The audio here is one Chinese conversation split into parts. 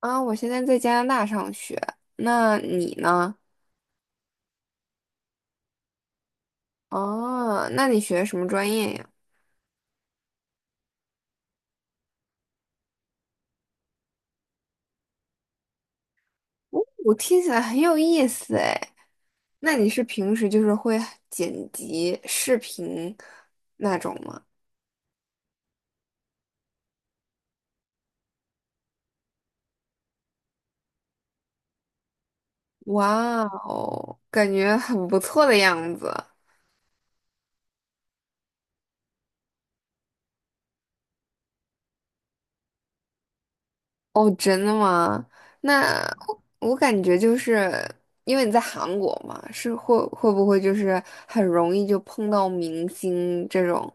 啊，我现在在加拿大上学，那你呢？哦，那你学什么专业呀？哦，我听起来很有意思哎。那你是平时就是会剪辑视频那种吗？哇哦，感觉很不错的样子。哦，真的吗？那我感觉就是因为你在韩国嘛，是会不会就是很容易就碰到明星这种？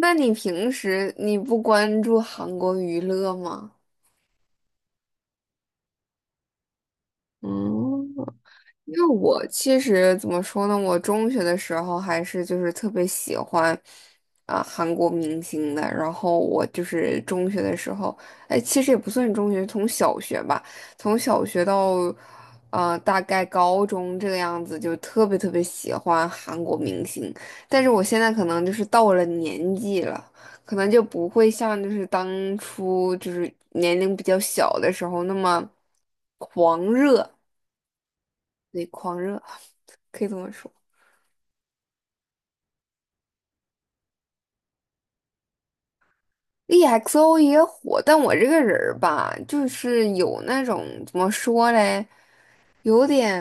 那你平时你不关注韩国娱乐吗？嗯，因为我其实怎么说呢，我中学的时候还是就是特别喜欢啊、韩国明星的，然后我就是中学的时候，哎，其实也不算中学，从小学吧，从小学到大概高中这个样子，就特别特别喜欢韩国明星，但是我现在可能就是到了年纪了，可能就不会像就是当初就是年龄比较小的时候那么狂热。对，狂热，可以这么说。EXO 也火，但我这个人儿吧，就是有那种怎么说嘞，有点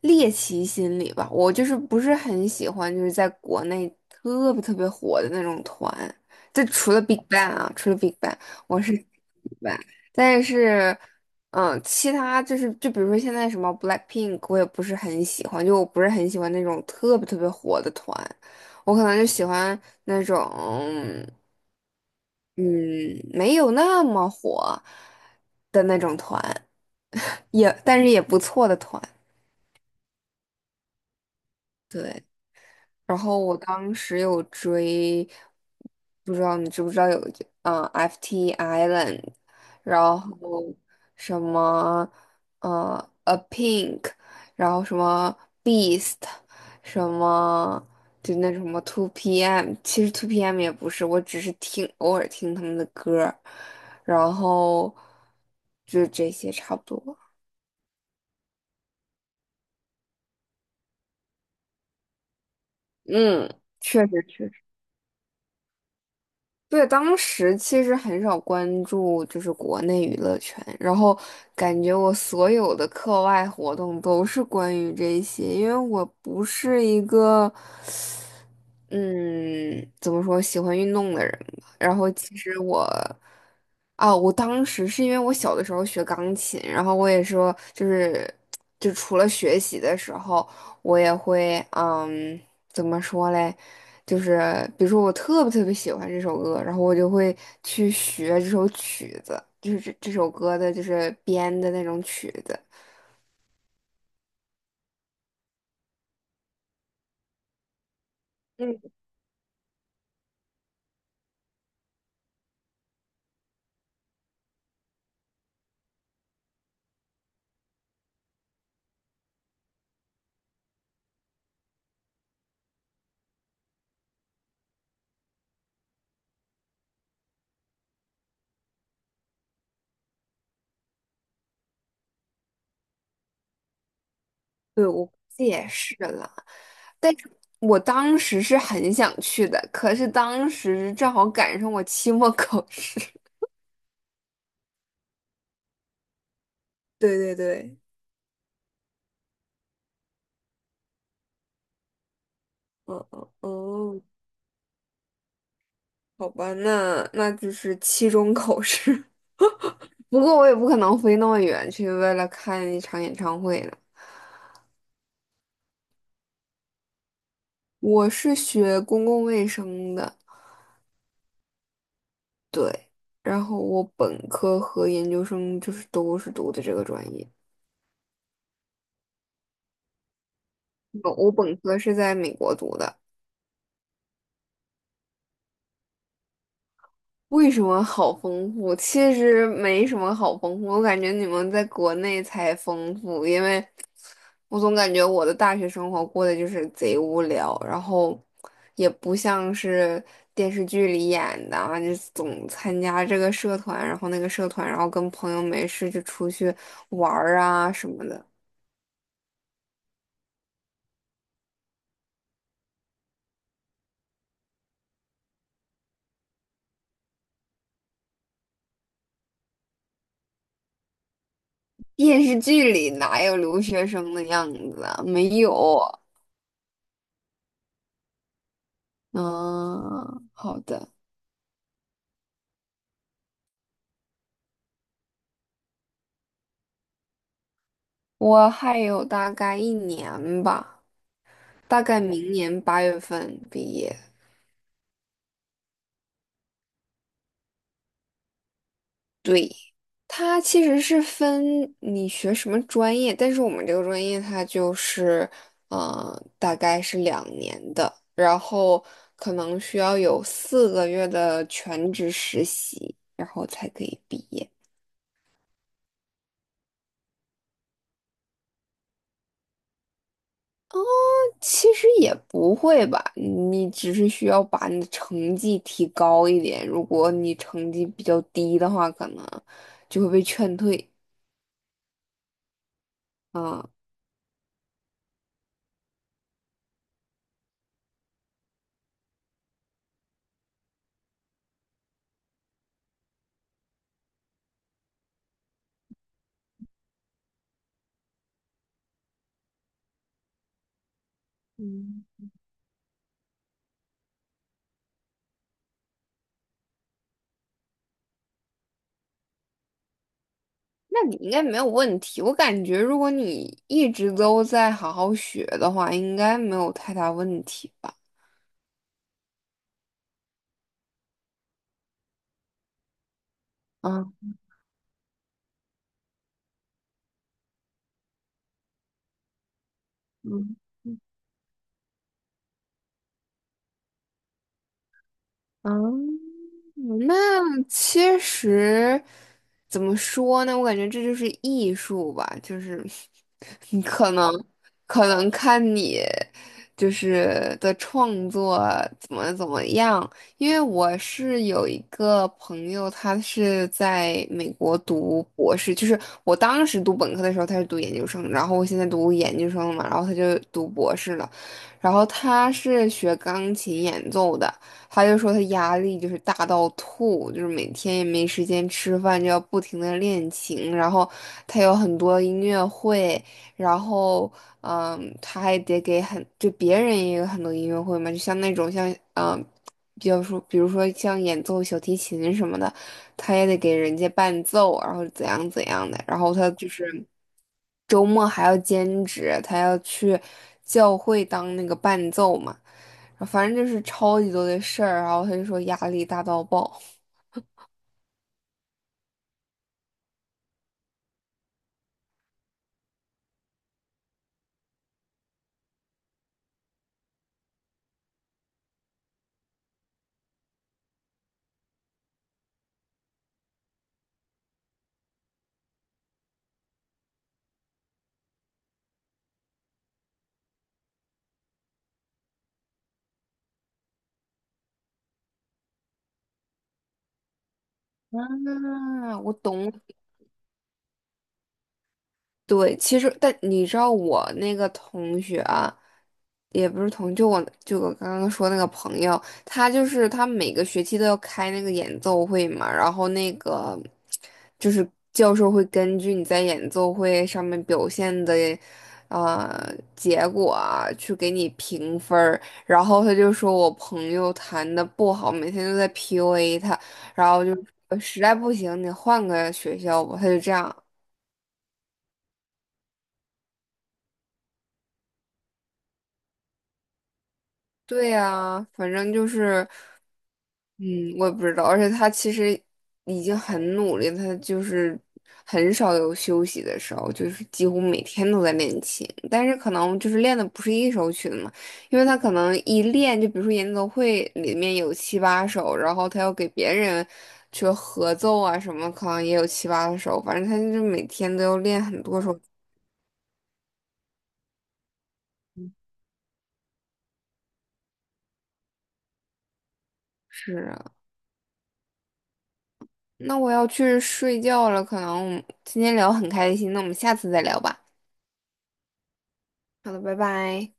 猎奇心理吧。我就是不是很喜欢，就是在国内特别特别火的那种团。就除了 BigBang 啊，除了 BigBang，我是 b i 但是，其他就是就比如说现在什么 BLACKPINK，我也不是很喜欢，就我不是很喜欢那种特别特别火的团，我可能就喜欢那种。嗯，没有那么火的那种团，也但是也不错的团，对。然后我当时有追，不知道你知不知道有FT Island，然后什么A Pink，然后什么 Beast，什么就那什么 Two PM，其实 Two PM 也不是，我只是听偶尔听他们的歌儿，然后就这些差不多。嗯，确实，对，当时其实很少关注就是国内娱乐圈，然后感觉我所有的课外活动都是关于这些，因为我不是一个。嗯，怎么说，喜欢运动的人吧。然后其实我，啊，我当时是因为我小的时候学钢琴，然后我也说，就是，就除了学习的时候，我也会，怎么说嘞，就是比如说我特别特别喜欢这首歌，然后我就会去学这首曲子，就是这首歌的，就是编的那种曲子。嗯，对，我估计也是了。但是我当时是很想去的，可是当时正好赶上我期末考试。对对对，嗯嗯嗯，好吧，那就是期中考试。不过我也不可能飞那么远去为了看一场演唱会了。我是学公共卫生的，对，然后我本科和研究生就是都是读的这个专业。我本科是在美国读的，为什么好丰富？其实没什么好丰富，我感觉你们在国内才丰富，因为我总感觉我的大学生活过得就是贼无聊，然后也不像是电视剧里演的啊，就总参加这个社团，然后那个社团，然后跟朋友没事就出去玩儿啊什么的。电视剧里哪有留学生的样子啊？没有。嗯，好的，我还有大概一年吧。大概明年8月份毕业。对，它其实是分你学什么专业，但是我们这个专业它就是，大概是2年的，然后可能需要有4个月的全职实习，然后才可以毕业。其实也不会吧，你只是需要把你的成绩提高一点，如果你成绩比较低的话，可能就会被劝退。啊。那你应该没有问题。我感觉如果你一直都在好好学的话，应该没有太大问题吧？啊，嗯。嗯，那其实怎么说呢？我感觉这就是艺术吧，就是 你可能看你就是的创作怎么怎么样。因为我是有一个朋友，他是在美国读博士，就是我当时读本科的时候他是读研究生，然后我现在读研究生了嘛，然后他就读博士了，然后他是学钢琴演奏的。他就说他压力就是大到吐，就是每天也没时间吃饭，就要不停的练琴。然后他有很多音乐会，然后他还得给很就别人也有很多音乐会嘛，就像那种像比较说比如说像演奏小提琴什么的，他也得给人家伴奏，然后怎样怎样的。然后他就是周末还要兼职，他要去教会当那个伴奏嘛。反正就是超级多的事儿，然后他就说压力大到爆。啊，我懂，对，其实但你知道我那个同学啊，也不是同，就我刚刚说那个朋友，他就是他每个学期都要开那个演奏会嘛，然后那个就是教授会根据你在演奏会上面表现的结果啊，去给你评分儿，然后他就说我朋友弹的不好，每天都在 PUA 他，然后就说实在不行你换个学校吧，他就这样。对呀，反正就是，嗯，我也不知道，而且他其实已经很努力，他就是很少有休息的时候，就是几乎每天都在练琴，但是可能就是练的不是一首曲子嘛，因为他可能一练，就比如说演奏会里面有七八首，然后他要给别人去合奏啊什么，可能也有七八首，反正他就是每天都要练很多首。是啊，那我要去睡觉了，可能我们今天聊很开心，那我们下次再聊吧。好的，拜拜。